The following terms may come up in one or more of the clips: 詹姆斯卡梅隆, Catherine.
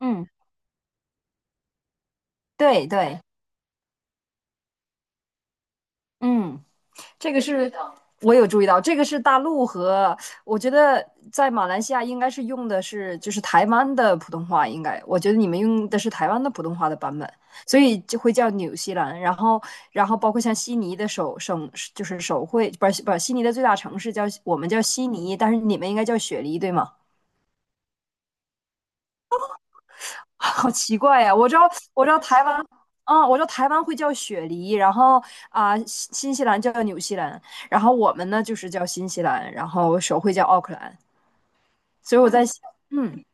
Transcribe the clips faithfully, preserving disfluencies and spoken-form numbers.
嗯，对对，嗯，这个是我有注意到，这个是大陆和我觉得在马来西亚应该是用的是就是台湾的普通话，应该我觉得你们用的是台湾的普通话的版本，所以就会叫纽西兰。然后，然后包括像悉尼的首省就是首会，不是不是悉尼的最大城市叫我们叫悉尼，但是你们应该叫雪梨，对吗？好奇怪呀！我知道，我知道台湾，嗯，我知道台湾会叫雪梨，然后啊、新新西兰叫纽西兰，然后我们呢就是叫新西兰，然后手绘叫奥克兰，所以我在想，嗯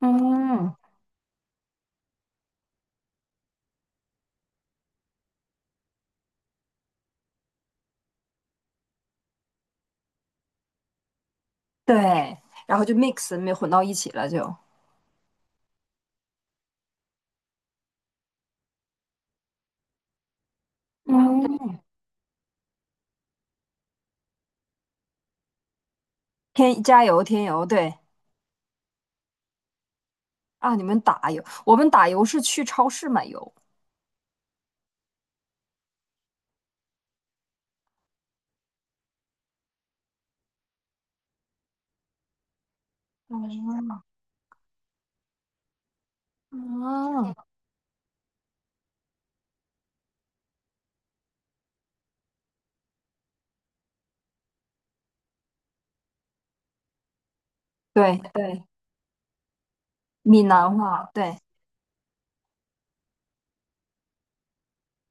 嗯，对，然后就 mix 没混到一起了就，嗯，添加油天油，对，啊，你们打油，我们打油是去超市买油，哦，对对，闽南话，对，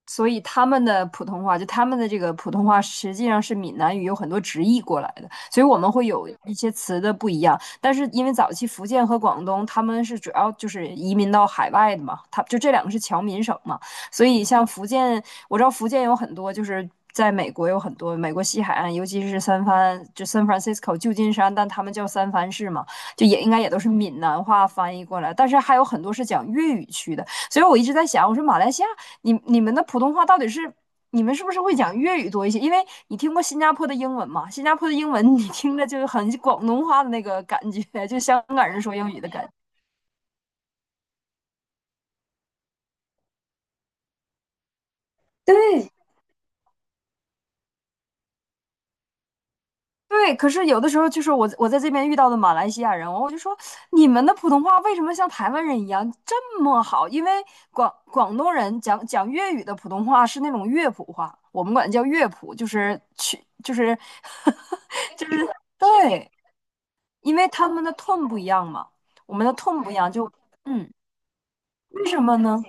所以他们的普通话，就他们的这个普通话，实际上是闽南语有很多直译过来的，所以我们会有一些词的不一样。但是因为早期福建和广东他们是主要就是移民到海外的嘛，他就这两个是侨民省嘛，所以像福建，我知道福建有很多就是在美国有很多美国西海岸，尤其是三藩，就 San Francisco 旧金山，但他们叫三藩市嘛，就也应该也都是闽南话翻译过来，但是还有很多是讲粤语区的。所以我一直在想，我说马来西亚，你你们的普通话到底是你们是不是会讲粤语多一些？因为你听过新加坡的英文嘛，新加坡的英文你听着就是很广东话的那个感觉，就香港人说英语的感觉。对，对，可是有的时候就是我我在这边遇到的马来西亚人，我就说你们的普通话为什么像台湾人一样这么好？因为广广东人讲讲粤语的普通话是那种乐谱话，我们管叫乐谱，就是去就是 就是对。因为他们的痛"不一样嘛，我们的痛"不一样，就嗯，为什么呢？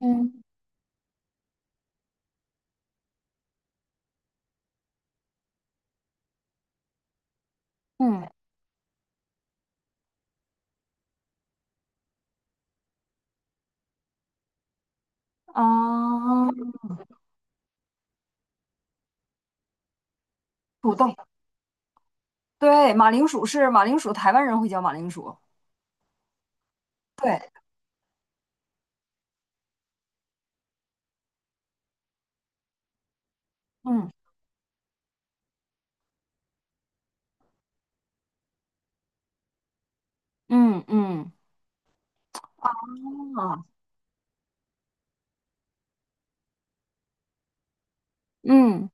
嗯嗯，啊，土豆，对，马铃薯是马铃薯，台湾人会叫马铃薯，对，嗯嗯嗯，啊，嗯。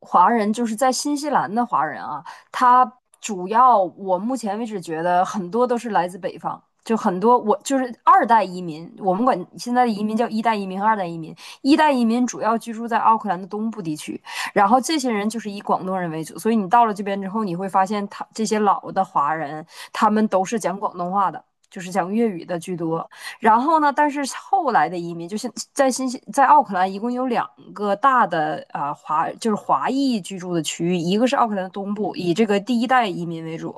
华人，就是在新西兰的华人啊，他主要我目前为止觉得很多都是来自北方，就很多我就是二代移民，我们管现在的移民叫一代移民二代移民。一代移民主要居住在奥克兰的东部地区，然后这些人就是以广东人为主，所以你到了这边之后，你会发现他这些老的华人，他们都是讲广东话的。就是讲粤语的居多，然后呢，但是后来的移民，就是在新西，在奥克兰一共有两个大的啊、呃华，就是华裔居住的区域，一个是奥克兰的东部，以这个第一代移民为主，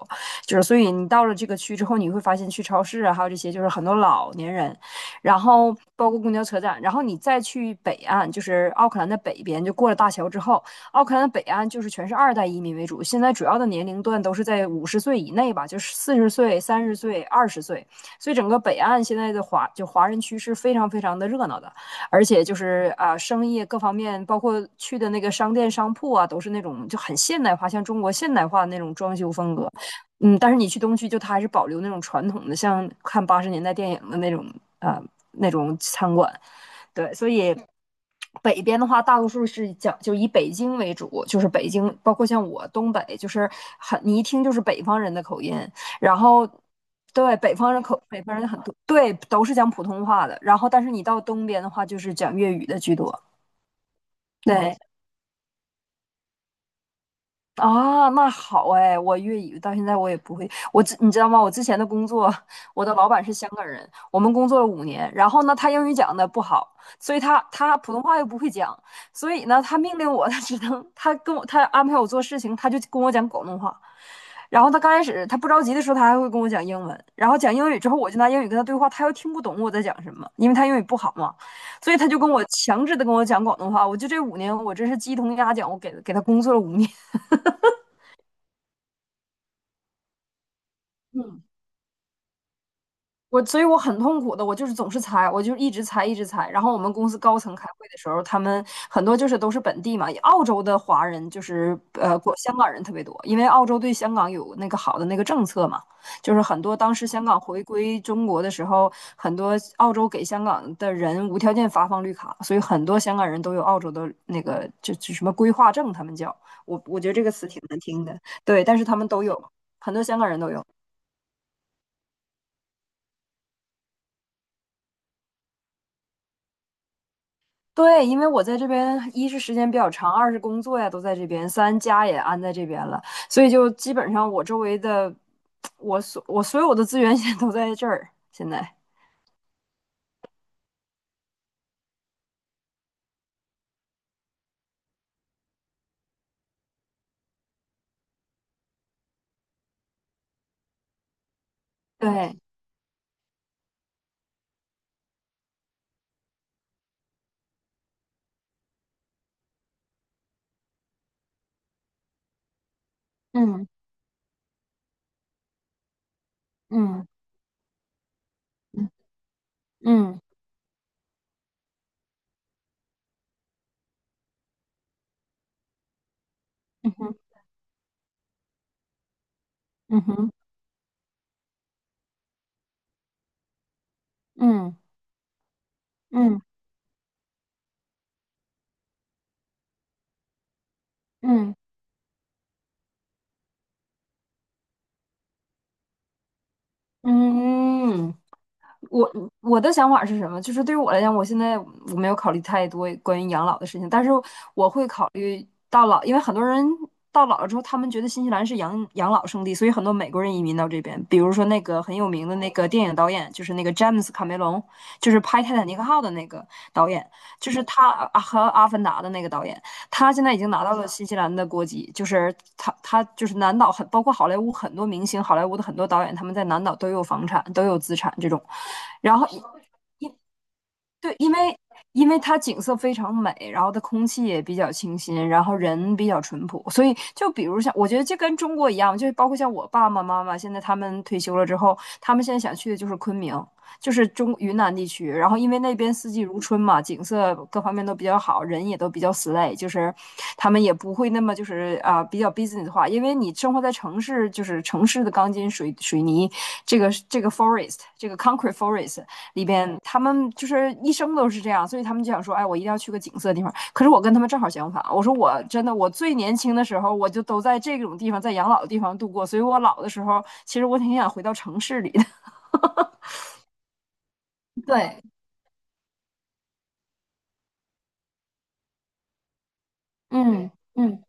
就是所以你到了这个区之后，你会发现去超市啊，还有这些就是很多老年人，然后包括公交车站，然后你再去北岸，就是奥克兰的北边，就过了大桥之后，奥克兰的北岸就是全是二代移民为主，现在主要的年龄段都是在五十岁以内吧，就是四十岁、三十岁、二十岁。所以整个北岸现在的华就华人区是非常非常的热闹的，而且就是啊、呃生意各方面，包括去的那个商店商铺啊，都是那种就很现代化，像中国现代化的那种装修风格。嗯，但是你去东区，就它还是保留那种传统的，像看八十年代电影的那种啊、呃那种餐馆。对，所以北边的话，大多数是讲就以北京为主，就是北京，包括像我东北，就是很你一听就是北方人的口音，然后。对，北方人口，北方人很多，对，都是讲普通话的。然后，但是你到东边的话，就是讲粤语的居多。对，啊，那好哎，我粤语到现在我也不会，我之你知道吗？我之前的工作，我的老板是香港人，我们工作了五年，然后呢，他英语讲的不好，所以他他普通话又不会讲，所以呢，他命令我 他只能他跟我他安排我做事情，他就跟我讲广东话，然后他刚开始他不着急的时候，他还会跟我讲英文，然后讲英语之后，我就拿英语跟他对话，他又听不懂我在讲什么，因为他英语不好嘛，所以他就跟我强制的跟我讲广东话，我就这五年我真是鸡同鸭讲，我给给他工作了五年。我所以我很痛苦的，我就是总是猜，我就一直猜，一直猜。然后我们公司高层开会的时候，他们很多就是都是本地嘛，澳洲的华人就是呃，过香港人特别多，因为澳洲对香港有那个好的那个政策嘛，就是很多当时香港回归中国的时候，很多澳洲给香港的人无条件发放绿卡，所以很多香港人都有澳洲的那个就就什么规划证，他们叫我我觉得这个词挺难听的，对，但是他们都有，很多香港人都有。对，因为我在这边，一是时间比较长，二是工作呀都在这边，三家也安在这边了，所以就基本上我周围的，我所我所有的资源 现在都在这儿。现在，对，嗯嗯嗯嗯哼嗯哼嗯嗯嗯嗯嗯。我我的想法是什么？就是对于我来讲，我现在我没有考虑太多关于养老的事情，但是我会考虑到老，因为很多人到老了之后，他们觉得新西兰是养养老圣地，所以很多美国人移民到这边。比如说那个很有名的那个电影导演，就是那个詹姆斯卡梅隆，就是拍《泰坦尼克号》的那个导演，就是他啊和《阿凡达》的那个导演，他现在已经拿到了新西兰的国籍，就是他他就是南岛很包括好莱坞很多明星，好莱坞的很多导演他们在南岛都有房产，都有资产这种。然后因对，因为因为它景色非常美，然后它空气也比较清新，然后人比较淳朴，所以就比如像我觉得就跟中国一样，就是包括像我爸爸妈妈现在他们退休了之后，他们现在想去的就是昆明，就是中云南地区，然后因为那边四季如春嘛，景色各方面都比较好，人也都比较 slay,就是他们也不会那么就是啊比较 business 化，因为你生活在城市，就是城市的钢筋水水泥，这个这个 forest,这个 concrete forest,里边，他们就是一生都是这样，所以他们就想说，哎，我一定要去个景色的地方。可是我跟他们正好相反，我说我真的，我最年轻的时候，我就都在这种地方，在养老的地方度过，所以我老的时候，其实我挺想回到城市里的。对，嗯嗯，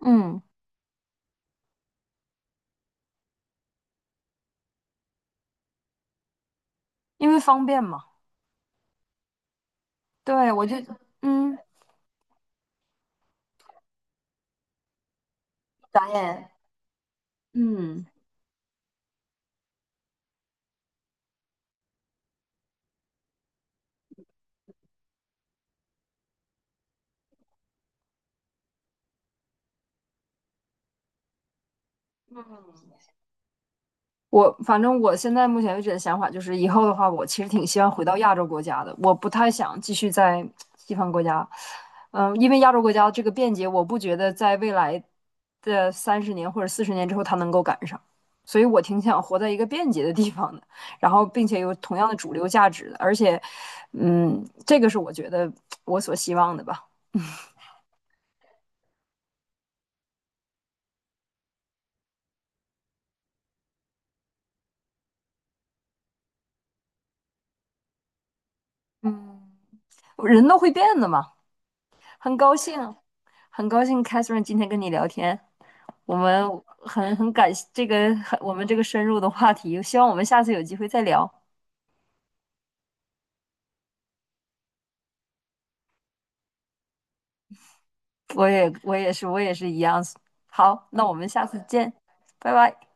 嗯，因为方便嘛。对，我就嗯导演，嗯。我反正我现在目前为止的想法就是，以后的话，我其实挺希望回到亚洲国家的，我不太想继续在西方国家。嗯，因为亚洲国家这个便捷，我不觉得在未来的三十年或者四十年之后它能够赶上，所以我挺想活在一个便捷的地方的，然后并且有同样的主流价值的，而且，嗯，这个是我觉得我所希望的吧。嗯，人都会变的嘛，很高兴，很高兴，Catherine 今天跟你聊天。我们很很感谢这个很我们这个深入的话题，希望我们下次有机会再聊。我也我也是我也是一样。好，那我们下次见，拜拜。